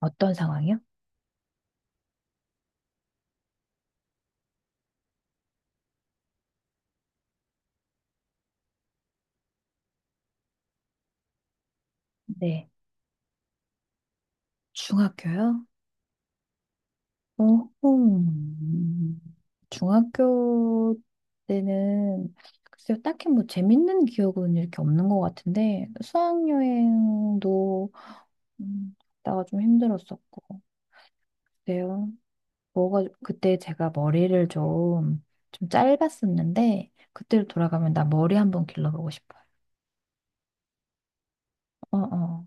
어떤 상황이요? 네. 중학교요? 오호. 중학교 때는 글쎄요, 딱히 뭐 재밌는 기억은 이렇게 없는 것 같은데 수학여행도 음, 갔다가 좀 힘들었었고 그래요. 뭐가 그때 제가 머리를 좀 짧았었는데 그때로 돌아가면 나 머리 한번 길러보고 싶어요. 어 어.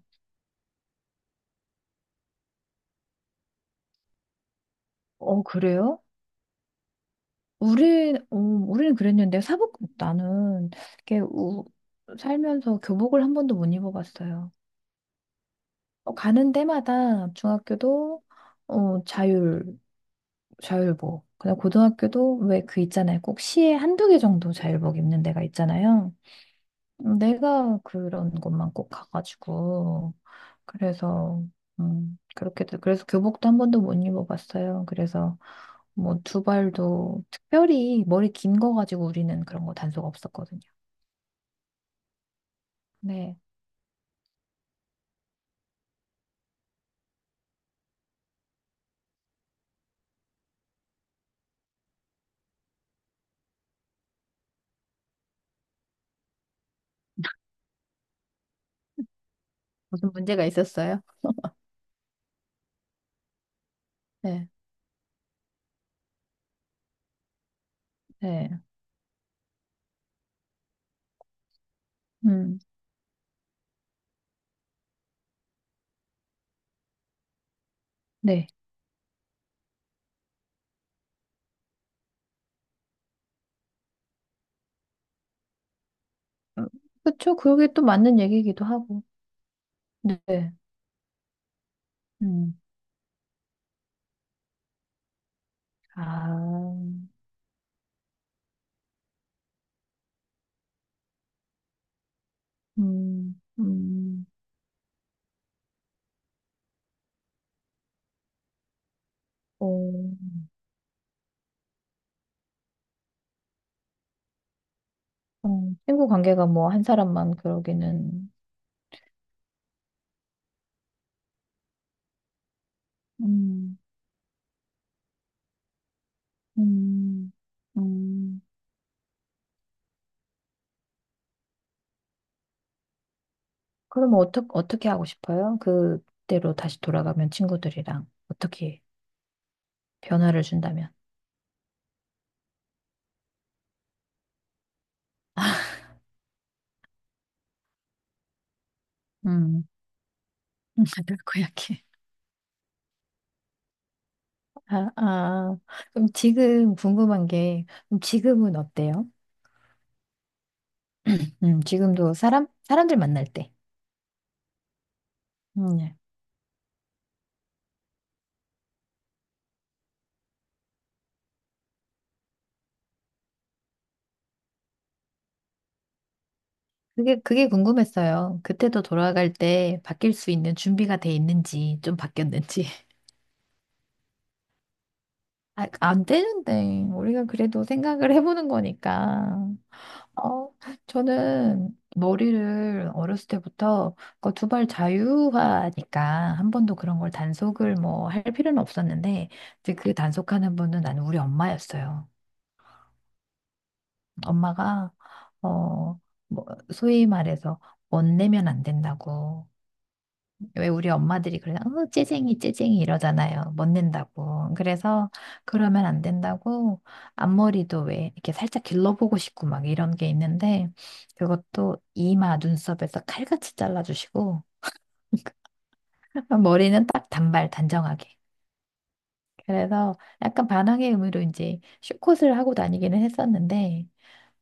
어 그래요? 우리는 그랬는데, 사복, 나는, 이렇게, 살면서 교복을 한 번도 못 입어봤어요. 가는 데마다 중학교도, 어, 자율, 자율복. 그다음 고등학교도 왜 그 있잖아요. 꼭 시에 한두 개 정도 자율복 입는 데가 있잖아요. 내가 그런 곳만 꼭 가가지고. 그래서, 그래서 교복도 한 번도 못 입어봤어요. 그래서, 뭐 두발도 특별히 머리 긴 거 가지고 우리는 그런 거 단속 없었거든요. 네. 무슨 문제가 있었어요? 네. 네. 음. 네. 음, 그쵸. 그게 또 맞는 얘기이기도 하고. 네. 음. 아. 음. 음. 어. 어. 친구 관계가 뭐 한 사람만 그러기는 음. 음. 음. 그럼 어떻게 하고 싶어요? 그때로 다시 돌아가면 친구들이랑 어떻게 변화를 준다면? 음 그렇고 약해. 아, 아, 그럼 지금 궁금한 게, 그럼 지금은 어때요? 지금도 사람들 만날 때. 예. 그게 궁금했어요. 그때도 돌아갈 때 바뀔 수 있는 준비가 돼 있는지, 좀 바뀌었는지. 아, 안 되는데. 우리가 그래도 생각을 해보는 거니까. 어, 저는 머리를 어렸을 때부터 그 두발 자유화니까 한 번도 그런 걸 단속을 뭐 할 필요는 없었는데 이제 그 단속하는 분은 나는 우리 엄마였어요. 엄마가 어, 뭐 소위 말해서 못 내면 안 된다고 왜 우리 엄마들이 그래, 째쟁이, 째쟁이 이러잖아요. 못 낸다고. 그래서 그러면 안 된다고 앞머리도 왜 이렇게 살짝 길러보고 싶고 막 이런 게 있는데 그것도 이마, 눈썹에서 칼같이 잘라주시고 머리는 딱 단발, 단정하게. 그래서 약간 반항의 의미로 이제 숏컷을 하고 다니기는 했었는데,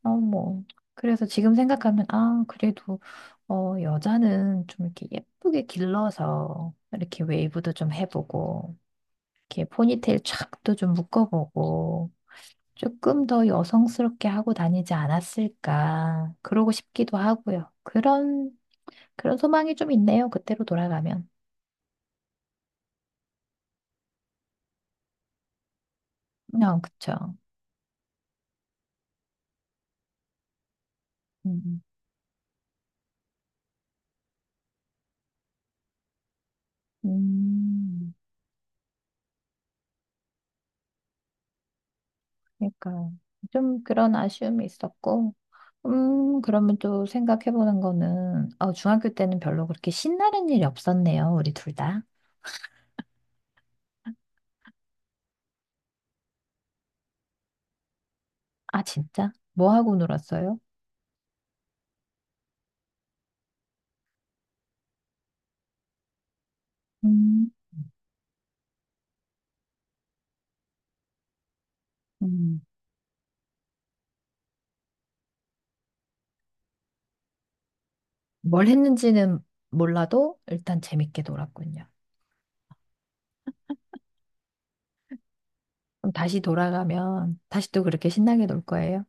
뭐. 그래서 지금 생각하면, 아, 그래도 여자는 좀 이렇게 예쁘게 길러서 이렇게 웨이브도 좀 해보고 이렇게 포니테일 촥도 좀 묶어보고 조금 더 여성스럽게 하고 다니지 않았을까. 그러고 싶기도 하고요. 그런 소망이 좀 있네요. 그때로 돌아가면. 어, 그쵸. 음, 음, 그러니까 좀 그런 아쉬움이 있었고. 그러면 또 생각해보는 거는, 중학교 때는 별로 그렇게 신나는 일이 없었네요. 우리 둘 다. 아, 진짜? 뭐 하고 놀았어요? 음, 음. 뭘 했는지는 몰라도 일단 재밌게 놀았군요. 그럼 다시 돌아가면 다시 또 그렇게 신나게 놀 거예요?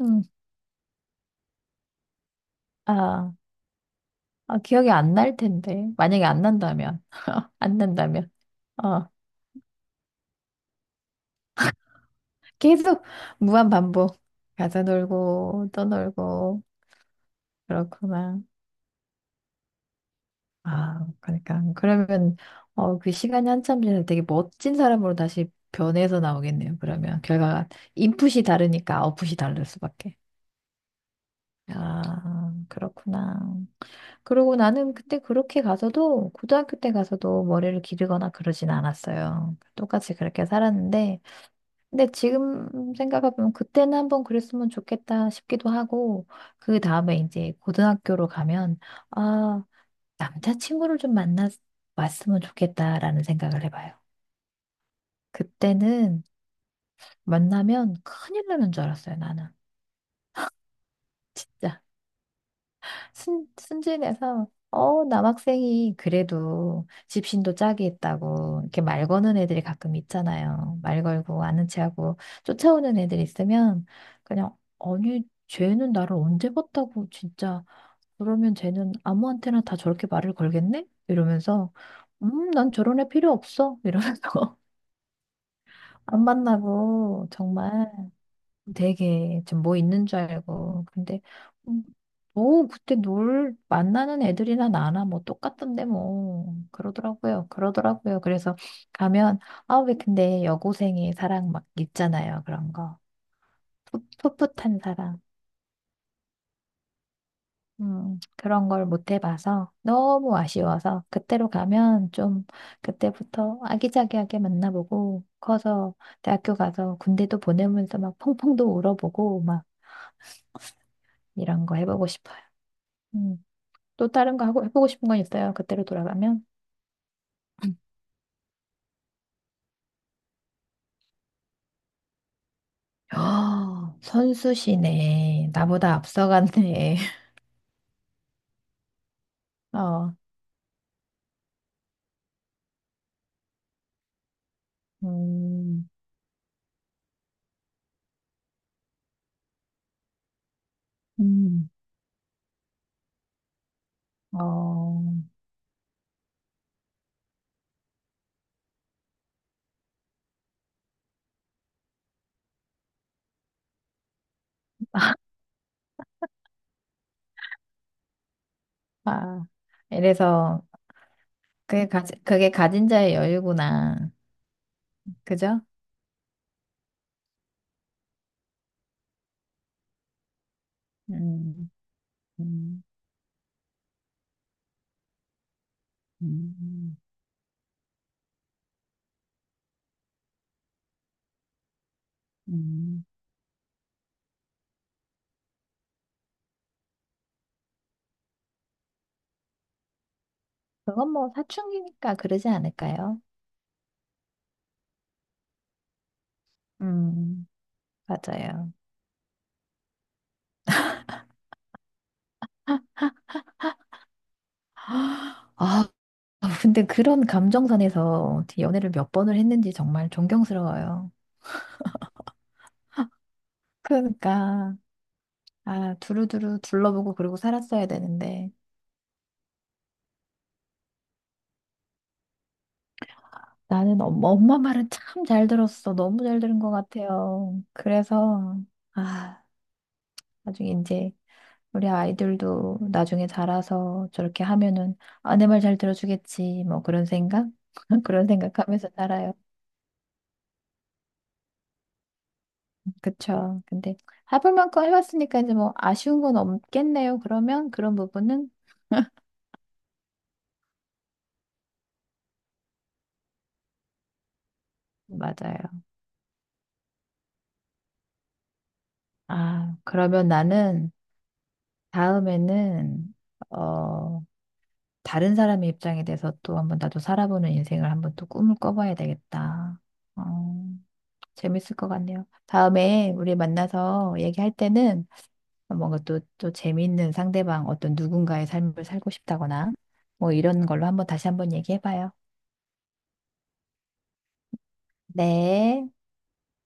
음, 아, 아, 기억이 안 날 텐데. 만약에 안 난다면, 어, 계속 무한 반복. 가서 놀고, 또 놀고, 그렇구나. 아, 그러니까. 그러면, 그 시간이 한참 지나서 되게 멋진 사람으로 다시 변해서 나오겠네요. 그러면 결과가 인풋이 다르니까 아웃풋이 다를 수밖에. 아, 그렇구나. 그리고 나는 그때 그렇게 가서도 고등학교 때 가서도 머리를 기르거나 그러진 않았어요. 똑같이 그렇게 살았는데 근데 지금 생각해보면 그때는 한번 그랬으면 좋겠다 싶기도 하고 그 다음에 이제 고등학교로 가면 아 남자친구를 좀 만나 왔으면 좋겠다라는 생각을 해봐요. 그때는 만나면 큰일 나는 줄 알았어요, 나는. 진짜. 순진해서 남학생이 그래도 집신도 짝이 있다고 이렇게 말 거는 애들이 가끔 있잖아요. 말 걸고 아는 체하고 쫓아오는 애들 있으면 그냥 아니 쟤는 나를 언제 봤다고 진짜 그러면 쟤는 아무한테나 다 저렇게 말을 걸겠네? 이러면서 난 저런 애 필요 없어 이러면서 안 만나고 정말 되게 좀 뭐 있는 줄 알고. 근데 음, 뭐 그때 놀 만나는 애들이나 나나 뭐 똑같던데 뭐 그러더라고요. 그러더라고요. 그래서 가면 아 왜 근데 여고생의 사랑 막 있잖아요. 그런 거. 풋풋한 사랑. 그런 걸 못 해봐서 너무 아쉬워서 그때로 가면 좀 그때부터 아기자기하게 만나보고 커서 대학교 가서 군대도 보내면서 막 펑펑도 울어보고 막 이런 거 해보고 싶어요. 음. 또 다른 거 하고 해보고 싶은 건 있어요? 그때로 돌아가면? 아, 선수시네. 나보다 앞서갔네. 어, 음, 음. 어, 아, 이래서 그게 가진 자의 여유구나. 그죠? 음, 음, 음. 음. 그건 뭐 사춘기니까 그러지 않을까요? 음, 맞아요. 아, 근데 그런 감정선에서 연애를 몇 번을 했는지 정말 존경스러워요. 그러니까 아 두루두루 둘러보고 그러고 살았어야 되는데 나는 엄마 말은 참 잘 들었어. 너무 잘 들은 것 같아요. 그래서 아 나중에 이제 우리 아이들도 나중에 자라서 저렇게 하면은 아내 말 잘 들어주겠지 뭐 그런 생각 그런 생각하면서 살아요. 그쵸? 근데 해볼 만큼 해봤으니까 이제 뭐 아쉬운 건 없겠네요. 그러면 그런 부분은 맞아요. 아 그러면 나는 다음에는 어. 다른 사람의 입장에 대해서 또 한번 나도 살아보는 인생을 한번 또 꿈을 꿔봐야 되겠다. 어, 재밌을 것 같네요. 다음에 우리 만나서 얘기할 때는 뭔가 또, 또 재미있는 상대방 어떤 누군가의 삶을 살고 싶다거나 뭐 이런 걸로 한번 다시 한번 얘기해봐요. 네.